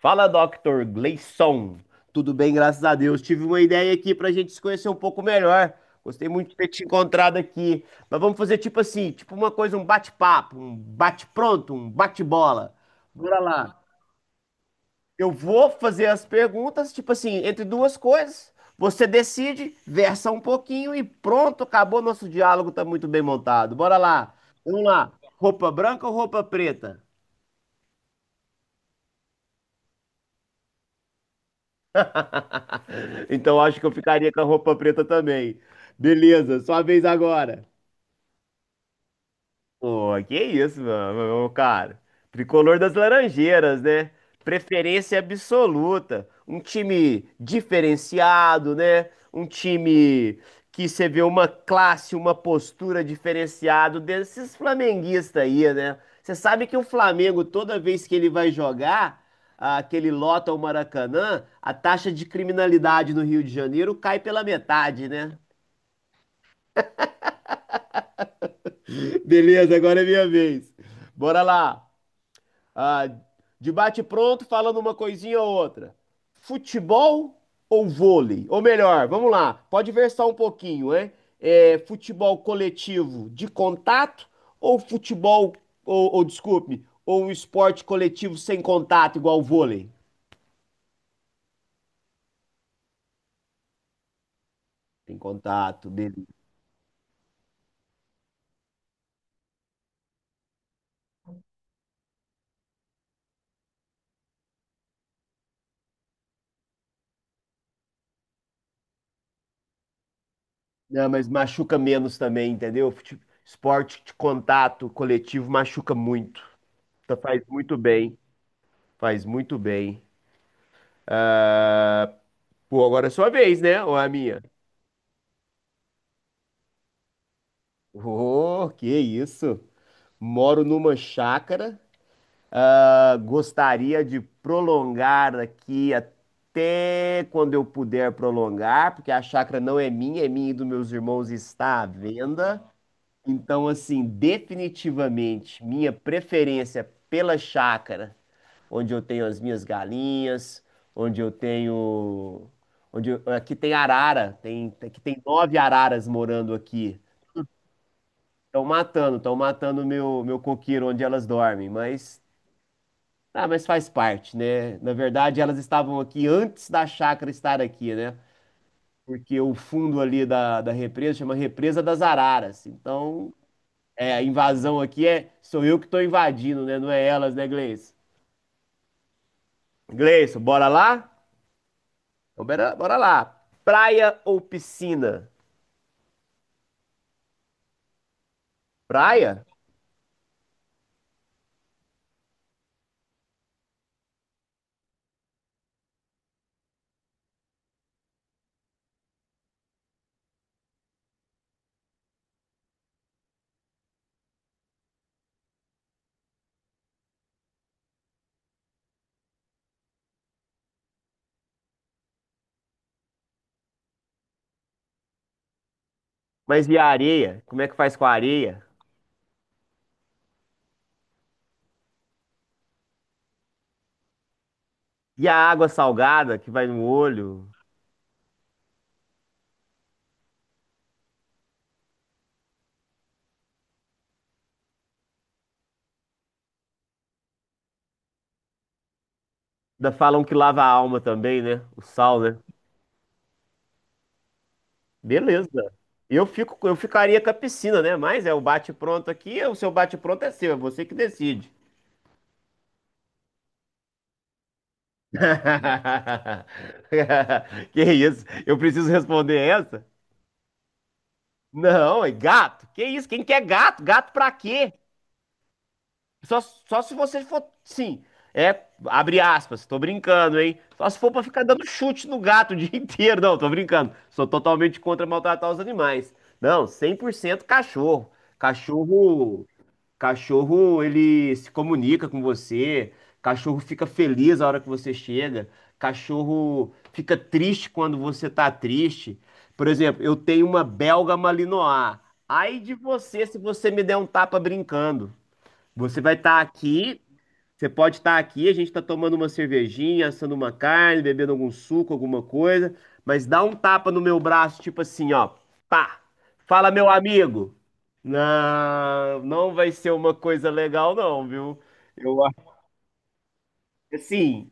Fala, Dr. Gleison. Tudo bem, graças a Deus. Tive uma ideia aqui pra gente se conhecer um pouco melhor. Gostei muito de ter te encontrado aqui. Mas vamos fazer tipo assim, tipo uma coisa, um bate-papo, um bate-pronto, um bate-bola. Bora lá. Eu vou fazer as perguntas, tipo assim, entre duas coisas. Você decide, versa um pouquinho e pronto, acabou. Nosso diálogo tá muito bem montado. Bora lá. Vamos lá. Roupa branca ou roupa preta? Então acho que eu ficaria com a roupa preta também. Beleza, sua vez agora. Pô, que isso, mano? Meu cara. Tricolor das Laranjeiras, né? Preferência absoluta. Um time diferenciado, né? Um time que você vê uma classe, uma postura diferenciado desses flamenguistas aí, né? Você sabe que o Flamengo, toda vez que ele vai jogar, que ele lota o Maracanã, a taxa de criminalidade no Rio de Janeiro cai pela metade, né? Beleza, agora é minha vez. Bora lá. Ah, de bate-pronto, falando uma coisinha ou outra. Futebol ou vôlei? Ou melhor, vamos lá, pode versar um pouquinho, né? É, futebol coletivo de contato ou futebol, ou desculpe, ou um esporte coletivo sem contato, igual o vôlei? Tem contato, beleza. Não, mas machuca menos também, entendeu? Esporte de contato coletivo machuca muito. Então, faz muito bem, faz muito bem. Ah, pô, agora é sua vez, né? Ou é a minha? Oh, que isso! Moro numa chácara. Ah, gostaria de prolongar aqui até quando eu puder prolongar, porque a chácara não é minha, é minha e dos meus irmãos e está à venda. Então, assim, definitivamente, minha preferência pela chácara onde eu tenho as minhas galinhas, onde eu tenho, onde eu- aqui tem arara, tem aqui tem nove araras morando aqui. Estão matando meu coqueiro onde elas dormem, mas faz parte, né? Na verdade, elas estavam aqui antes da chácara estar aqui, né? Porque o fundo ali da represa chama Represa das Araras. Então, é, a invasão aqui é sou eu que estou invadindo, né? Não é elas, né, Gleice? Gleison, bora lá? Então, bora, bora lá. Praia ou piscina? Praia? Mas e a areia? Como é que faz com a areia? E a água salgada que vai no olho? Ainda falam que lava a alma também, né? O sal, né? Beleza. Eu ficaria com a piscina, né? Mas é o bate-pronto aqui, é o seu bate-pronto é seu, é você que decide. Que isso? Eu preciso responder essa? Não, é gato. Que isso? Quem quer gato? Gato pra quê? Só se você for, sim, é, abre aspas, tô brincando, hein? Só se for pra ficar dando chute no gato o dia inteiro. Não, tô brincando. Sou totalmente contra maltratar os animais. Não, 100% cachorro. Cachorro, cachorro, ele se comunica com você. Cachorro fica feliz a hora que você chega. Cachorro fica triste quando você tá triste. Por exemplo, eu tenho uma belga malinois. Ai de você se você me der um tapa brincando. Você vai estar aqui, você pode estar aqui, a gente está tomando uma cervejinha, assando uma carne, bebendo algum suco, alguma coisa, mas dá um tapa no meu braço, tipo assim, ó, pá, fala meu amigo. Não, não vai ser uma coisa legal não, viu? Eu acho que, assim,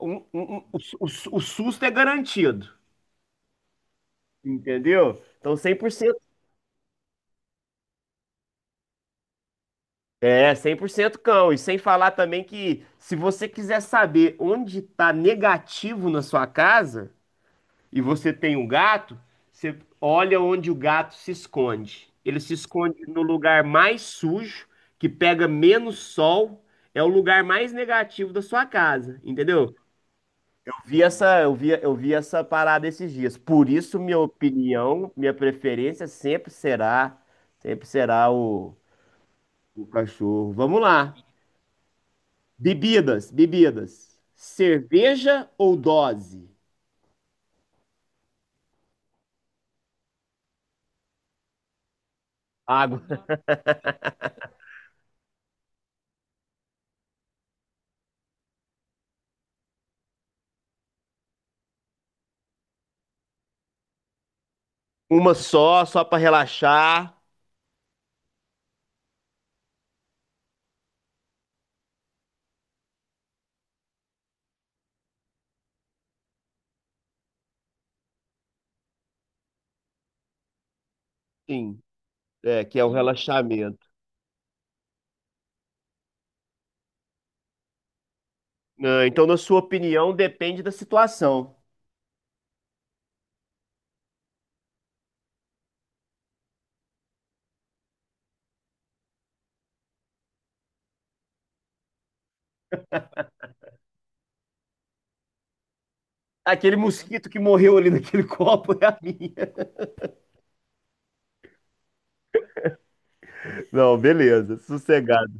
o susto é garantido, entendeu? Então, 100%. É, 100% cão. E sem falar também que se você quiser saber onde tá negativo na sua casa, e você tem um gato, você olha onde o gato se esconde. Ele se esconde no lugar mais sujo, que pega menos sol, é o lugar mais negativo da sua casa, entendeu? Eu vi essa parada esses dias. Por isso, minha opinião, minha preferência sempre será o cachorro. Vamos lá. Bebidas, bebidas. Cerveja ou dose? Água. Uma só, só para relaxar. Sim. É, que é o relaxamento. Ah, então, na sua opinião, depende da situação. Aquele mosquito que morreu ali naquele copo é a minha. Não, beleza. Sossegado.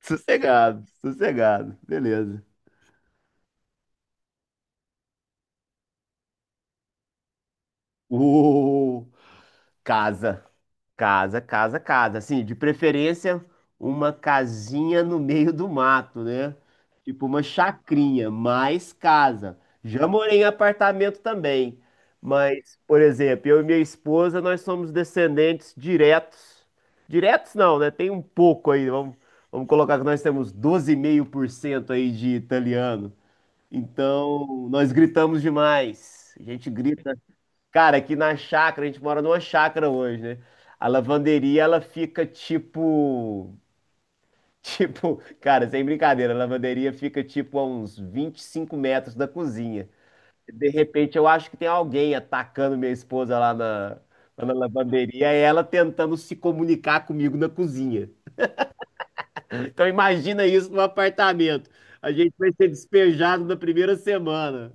Sossegado. Sossegado. Beleza. Uh, Casa. Casa, casa, casa. Assim, de preferência, uma casinha no meio do mato, né? Tipo uma chacrinha, mais casa. Já morei em apartamento também. Mas, por exemplo, eu e minha esposa, nós somos descendentes diretos. Diretos não, né? Tem um pouco aí. Vamos colocar que nós temos 12,5% aí de italiano. Então, nós gritamos demais. A gente grita. Cara, aqui na chácara, a gente mora numa chácara hoje, né? A lavanderia, ela fica tipo. Tipo, cara, sem brincadeira, a lavanderia fica tipo a uns 25 metros da cozinha. De repente, eu acho que tem alguém atacando minha esposa lá na lavanderia e ela tentando se comunicar comigo na cozinha. Então, imagina isso no apartamento. A gente vai ser despejado na primeira semana.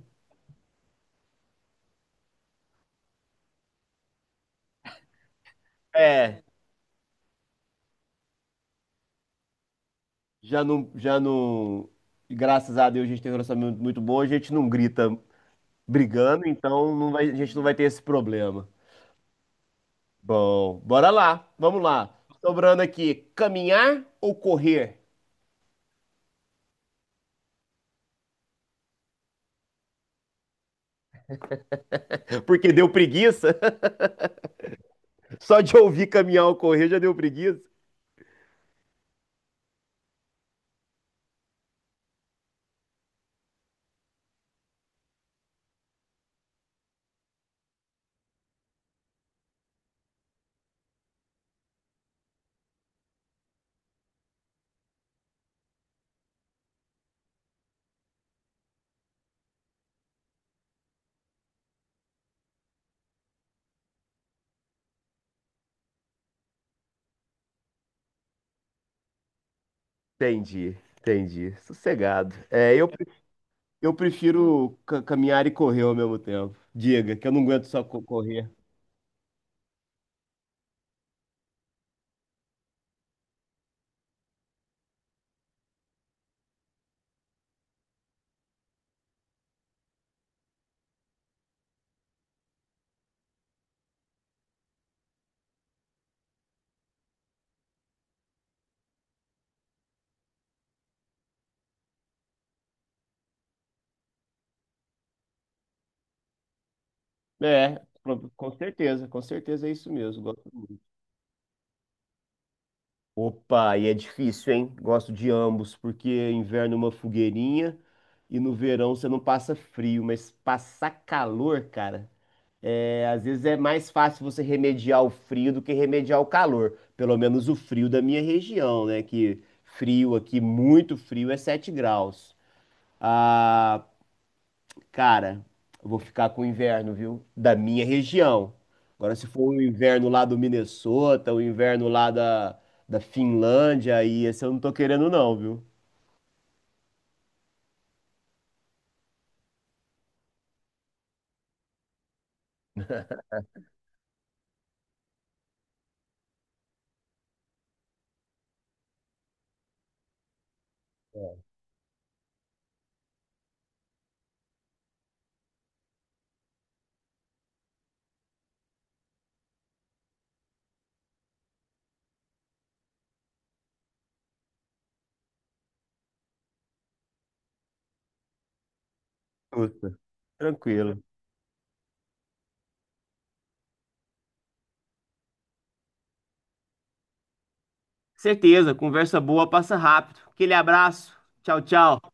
É, já não, já não. Graças a Deus a gente tem um relacionamento muito bom, a gente não grita brigando, então a gente não vai ter esse problema. Bom, bora lá, vamos lá. Sobrando aqui, caminhar ou correr? Porque deu preguiça. Só de ouvir caminhar ou correr já deu preguiça. Entendi, entendi. Sossegado. É, eu prefiro caminhar e correr ao mesmo tempo. Diga, que eu não aguento só correr. É, com certeza é isso mesmo. Gosto. Opa, e é difícil, hein? Gosto de ambos, porque inverno é uma fogueirinha e no verão você não passa frio, mas passar calor, cara, é, às vezes é mais fácil você remediar o frio do que remediar o calor. Pelo menos o frio da minha região, né? Que frio aqui, muito frio, é 7 graus. Ah, cara, eu vou ficar com o inverno, viu? Da minha região. Agora, se for o inverno lá do Minnesota, o inverno lá da Finlândia, aí esse eu não tô querendo não, viu? Justo. Tranquilo. Certeza, conversa boa, passa rápido. Aquele abraço. Tchau, tchau.